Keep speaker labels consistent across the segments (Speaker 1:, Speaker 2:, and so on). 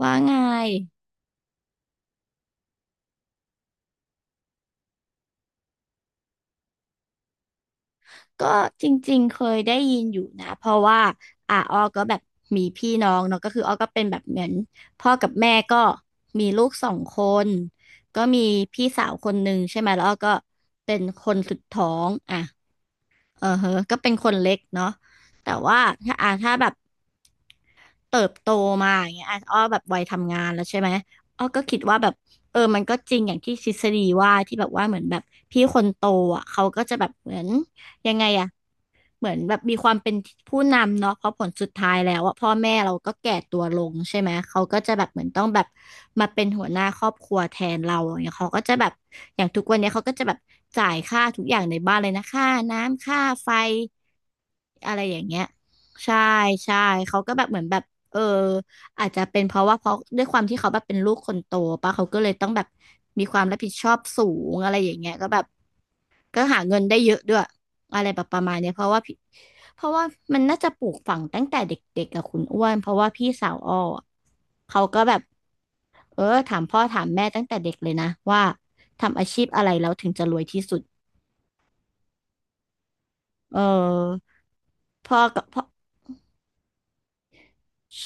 Speaker 1: ว่าไงก็จริงๆเคยได้ยินอยู่นะเพราะว่าอ้อก็แบบมีพี่น้องเนาะก็คืออ้อก็เป็นแบบเหมือนพ่อกับแม่ก็มีลูกสองคนก็มีพี่สาวคนหนึ่งใช่ไหมแล้วอ้อก็เป็นคนสุดท้องอ่ะเออเฮอก็เป็นคนเล็กเนาะแต่ว่าถ้าแบบเติบโตมาอย่างเงี้ยอ่ะอ้อแบบวัยทำงานแล้วใช่ไหมอ้อก็คิดว่าแบบเออมันก็จริงอย่างที่ทฤษฎีว่าที่แบบว่าเหมือนแบบพี่คนโตอ่ะเขาก็จะแบบเหมือนยังไงอะ เหมือนแบบมีความเป็นผู้นำเนาะเพราะผลสุดท้ายแล้วอะพ่อแม่เราก็แก่ตัวลงใช่ไหมเขาก็จะแบบเหมือนต้องแบบมาเป็นหัวหน้าครอบครัวแทนเราอย่างเงี้ยเขาก็จะแบบอย่างทุกวันเนี้ยเขาก็จะแบบจ่ายค่าทุกอย่างในบ้านเลยนะค่าน้ำค่าไฟอะไรอย่างเงี้ยใช่ใช่เขาก็แบบเหมือนแบบเอออาจจะเป็นเพราะว่าเพราะด้วยความที่เขาแบบเป็นลูกคนโตปะเขาก็เลยต้องแบบมีความรับผิดชอบสูงอะไรอย่างเงี้ยก็แบบ ก็หาเงินได้เยอะด้วยอะไรแบบประมาณเนี้ยเพราะว่ามันน่าจะปลูกฝังตั้งแต่เด็กๆกับคุณอ้วนเพราะว่าพี่สาวอ้ออะเขาก็แบบเออถามพ่อถามแม่ตั้งแต่เด็กเลยนะว่าทำอาชีพอะไรแล้วถึงจะรวยที่สุดเออพ่อ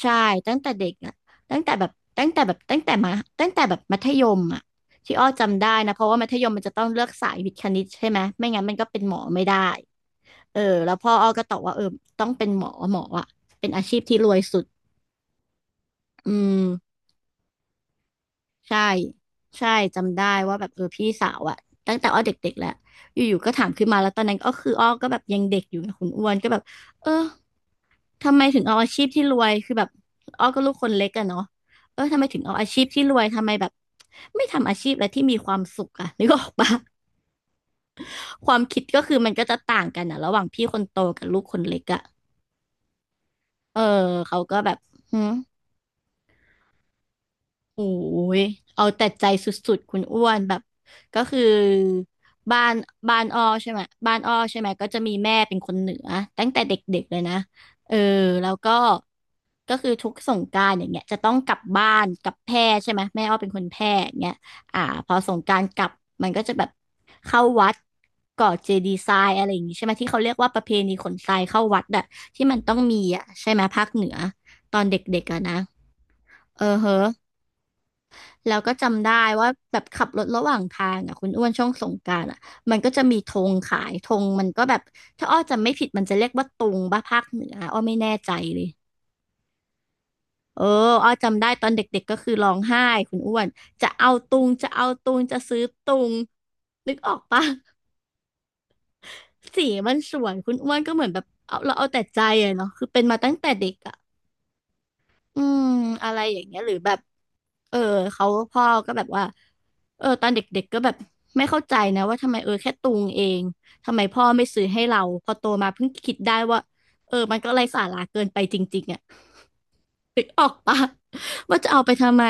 Speaker 1: ใช่ตั้งแต่เด็กอ่ะตั้งแต่แบบตั้งแต่แบบตั้งแต่มาตั้งแต่แบบมัธยมอ่ะที่อ้อจำได้นะเพราะว่ามัธยมมันจะต้องเลือกสายวิทย์คณิตใช่ไหมไม่งั้นมันก็เป็นหมอไม่ได้เออแล้วพ่ออ้อก็ตอบว่าเออต้องเป็นหมออ่ะเป็นอาชีพที่รวยสุดอืมใช่ใช่จำได้ว่าแบบเออพี่สาวอ่ะตั้งแต่อ้อเด็กๆแล้วอยู่ๆก็ถามขึ้นมาแล้วตอนนั้นก็คืออ้อก็แบบยังเด็กอยู่นะคุณอ้วนก็แบบเออ ทำไมถึงเอาอาชีพที่รวยคือแบบอ้อก็ลูกคนเล็กอะเนาะเออทำไมถึงเอาอาชีพที่รวยทำไมแบบไม่ทำอาชีพอะไรที่มีความสุขอะนึกออกปะความคิดก็คือมันก็จะต่างกันอะระหว่างพี่คนโตกับลูกคนเล็กอะเออเขาก็แบบหืม โอ้ยเอาแต่ใจสุดๆคุณอ้วนแบบก็คือบ้านบ้านอ้อใช่ไหมบ้านอ้อใช่ไหมก็จะมีแม่เป็นคนเหนือตั้งแต่เด็กๆเลยนะเออแล้วก็ก็คือทุกสงกรานต์อย่างเงี้ยจะต้องกลับบ้านกลับแพร่ใช่ไหมแม่อ้อเป็นคนแพร่อย่างเงี้ยอ่าพอสงกรานต์กลับมันก็จะแบบเข้าวัดก่อเจดีย์ทรายอะไรอย่างงี้ใช่ไหมที่เขาเรียกว่าประเพณีขนทรายเข้าวัดอะที่มันต้องมีอะใช่ไหมภาคเหนือตอนเด็กๆอะนะเออเฮ้อ แล้วก็จำได้ว่าแบบขับรถระหว่างทางอ่ะคุณอ้วนช่วงสงกรานต์อ่ะมันก็จะมีธงขายธงมันก็แบบถ้าอ้อจำไม่ผิดมันจะเรียกว่าตุงบ้าภาคเหนืออ้อไม่แน่ใจเลยเอออ้อจำได้ตอนเด็กๆก็คือร้องไห้คุณอ้วนจะเอาตุงจะซื้อตุงนึกออกปะ สีมันสวยคุณอ้วนก็เหมือนแบบเอาแต่ใจอะเนาะคือเป็นมาตั้งแต่เด็กอะ อืมอะไรอย่างเงี้ยหรือแบบเออเขาพ่อก็แบบว่าเออตอนเด็กๆก็แบบไม่เข้าใจนะว่าทำไมเออแค่ตุงเองทำไมพ่อไม่ซื้อให้เราพอโตมาเพิ่งคิดได้ว่าเออมันก็ไร้สาระเกินไปจริงๆอ่ะนึกออกปะว่าจะเอาไปทำไม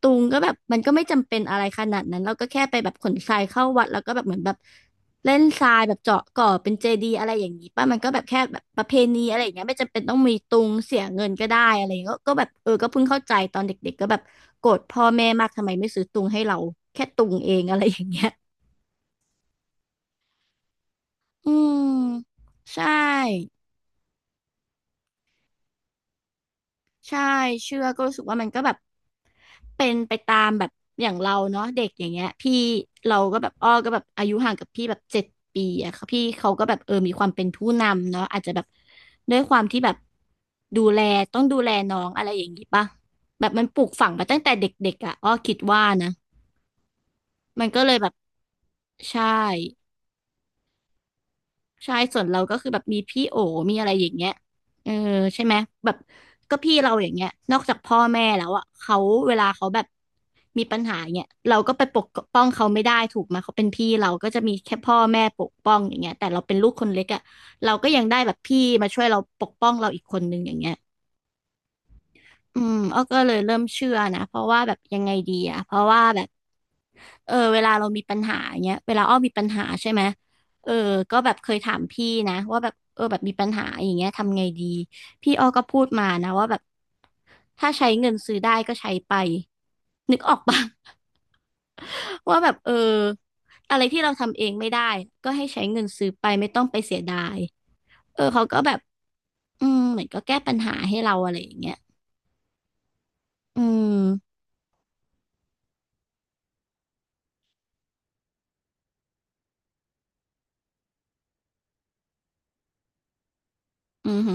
Speaker 1: ตุงก็แบบมันก็ไม่จำเป็นอะไรขนาดนั้นเราก็แค่ไปแบบขนทรายเข้าวัดแล้วก็แบบเหมือนแบบเล่นทรายแบบเจาะก่อเป็นเจดีย์อะไรอย่างนี้ป่ะมันก็แบบแค่แบบประเพณีอะไรอย่างเงี้ยไม่จำเป็นต้องมีตุงเสียเงินก็ได้อะไรอย่างเงี้ยก็แบบเออก็เพิ่งเข้าใจตอนเด็กๆก็แบบโกรธพ่อแม่มากทำไมไม่ซื้อตุงให้เราแค่ตุงเองอะไรอย่างเงี้ยอืมใช่ ใช่เชื่อก็รู้สึกว่ามันก็แบบเป็นไปตามแบบอย่างเราเนาะเด็กอย่างเงี้ยพี่เราก็แบบอ้อก็แบบอายุห่างกับพี่แบบเจ็ดปีอะค่ะพี่เขาก็แบบเออมีความเป็นผู้นำเนาะอาจจะแบบด้วยความที่แบบดูแลต้องดูแลน้องอะไรอย่างงี้ป่ะแบบมันปลูกฝังมาตั้งแต่เด็กๆอะอ้อคิดว่านะมันก็เลยแบบใช่ ใช่ส่วนเราก็คือแบบมีพี่โอมีอะไรอย่างเงี้ยเออใช่ไหมแบบก็พี่เราอย่างเงี้ยนอกจากพ่อแม่แล้วอ่ะเขาเวลาเขาแบบมีปัญหาเงี้ยเราก็ไปปกป้องเขาไม่ได้ถูกไหมเขาเป็นพี่เราก็จะมีแค่พ่อแม่ปกป้องอย่างเงี้ยแต่เราเป็นลูกคนเล็กอ่ะเราก็ยังได้แบบพี่มาช่วยเราปกป้องเราอีกคนนึงอย่างเงี้ย อืมอ้อก็เลยเริ่มเชื่อนะเพราะว่าแบบยังไงดีอะเพราะว่าแบบเออเวลาเรามีปัญหาเงี้ยเวลาอ้อมีปัญหาใช่ไหมเออก็แบบเคยถามพี่นะว่าแบบเออแบบมีปัญหาอย่างเงี้ยทำไงดีพี่อ้อก็พูดมานะว่าแบบถ้าใช้เงินซื้อได้ก็ใช้ไปนึกออกปะ ว่าแบบเอออะไรที่เราทำเองไม่ได้ก็ให้ใช้เงินซื้อไปไม่ต้องไปเสียดายเออเขาก็แบบอืมเหมือนก็แก้ปัญหาให้เราอะไรอย่างเงี้ยอืมอือฮึ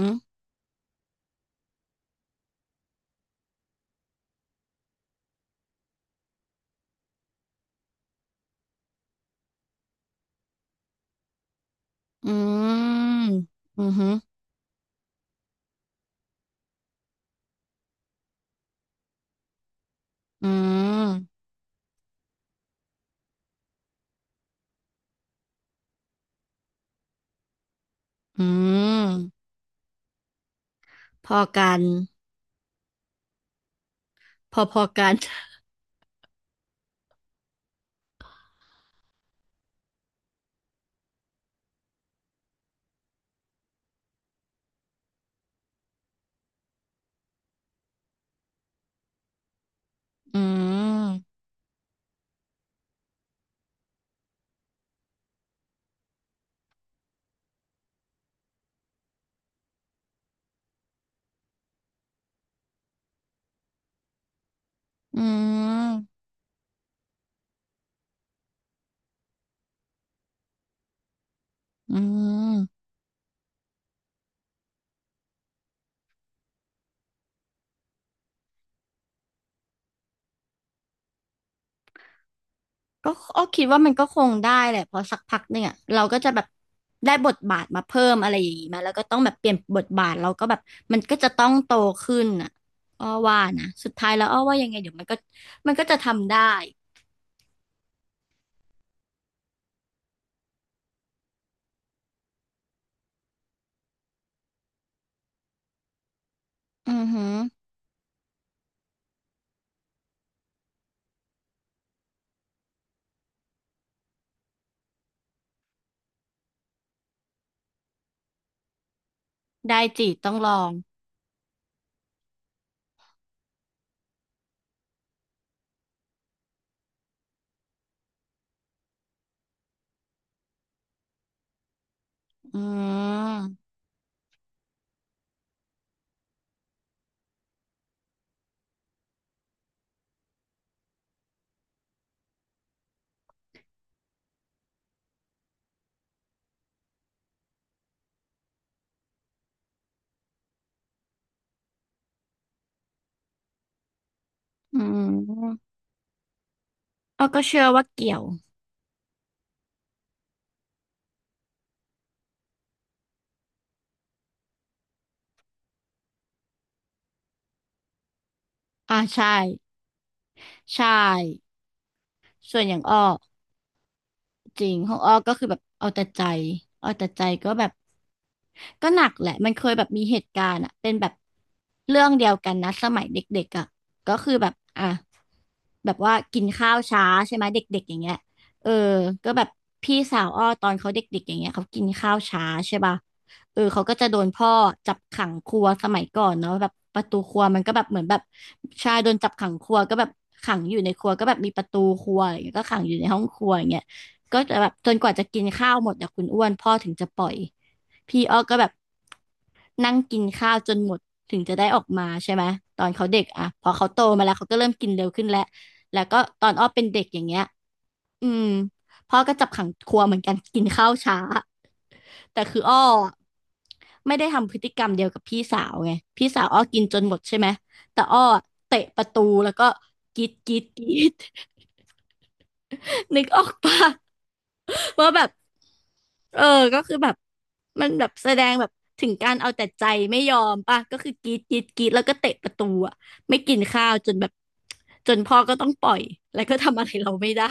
Speaker 1: อืมอือหืออืมอืมพอกันพอกัน อืมอืมอืมก็อ้อคิดว่ามันก็คงได้แหละเพอสักพักเนี่ยเราก็จะแบบได้บทบาทมาเพิ่มอะไรอย่างงี้มาแล้วก็ต้องแบบเปลี่ยนบทบาทเราก็แบบมันก็จะต้องโตขึ้นอ่ะอ้อว่านะสุดท้ายแล้วอ้อว่ายังไงเดี๋ยวมันก็มันก็จะทำได้ อือหือได้จีต้องลองอืมอืม อ้อก็เชื่อว่าเกี่ยวอ่าใช่ใช่ส่วนอย่างอ้อ จริงของอ้อก็คือแบบเอาแต่ใจเอาแต่ใจก็แบบก็หนักแหละมันเคยแบบมีเหตุการณ์อะเป็นแบบเรื่องเดียวกันนะสมัยเด็กๆอะก็คือแบบอ่ะแบบว่ากินข้าวช้าใช่ไหมเด็กๆอย่างเงี้ยเออก็แบบพี่สาวอ้อตอนเขาเด็กๆอย่างเงี้ยเขากินข้าวช้าใช่ป่ะเออเขาก็จะโดนพ่อจับขังครัวสมัยก่อนเนาะแบบประตูครัวมันก็แบบเหมือนแบบชายโดนจับขังครัวก็แบบขังอยู่ในครัวก็แบบมีประตูครัวอะไรอย่างเงี้ยก็ขังอยู่ในห้องครัวอย่างเงี้ย ก็จะแบบจนกว่าจะกินข้าวหมดอะคุณอ้วนพ่อถึงจะปล่อยพี่อ้อก็แบบนั่งกินข้าวจนหมดถึงจะได้ออกมาใช่ไหมตอนเขาเด็กอะพอเขาโตมาแล้วเขาก็เริ่มกินเร็วขึ้นแล้วแล้วก็ตอนอ้อเป็นเด็กอย่างเงี้ยอืมพ่อก็จับขังครัวเหมือนกันกินข้าวช้าแต่คืออ้ออะไม่ได้ทำพฤติกรรมเดียวกับพี่สาวไงพี่สาวอ้อกินจนหมดใช่ไหมแต่อ้อเตะประตูแล้วก็กรีดกรีดกรีด นึกออกปะ ว่าแบบเออก็คือแบบมันแบบแสดงแบบถึงการเอาแต่ใจไม่ยอมป่ะก็คือกรีดกรีดกรีดแล้วก็เตะประตูอ่ะไม่กินข้าวจนแบบจนพ่อก็ต้องปล่อยแล้วก็ทำอะไรเราไม่ได้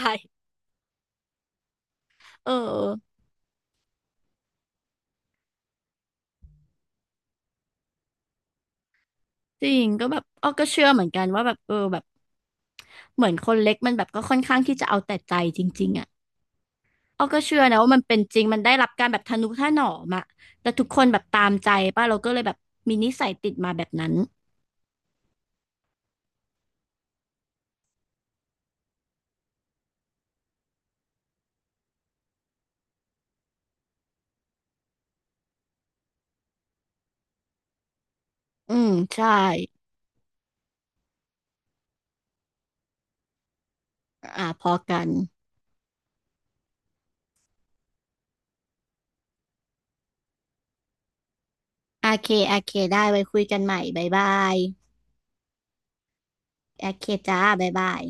Speaker 1: เออจริงก็แบบอ้อก็เชื่อเหมือนกันว่าแบบเออแบบเหมือนคนเล็กมันแบบก็ค่อนข้างที่จะเอาแต่ใจจริงๆอ่ะอ้อก็เชื่อนะว่ามันเป็นจริงมันได้รับการแบบทะนุถนอมอะแต่ทุกคนแบบตามใจป่ะเราก็เลยแบบมีนิสัยติดมาแบบนั้นอืมใช่อ่าพอกัน โอเค โอเค ได้ไว้คุยกันใหม่บ๊ายบาย โอเคจ้าบ๊ายบาย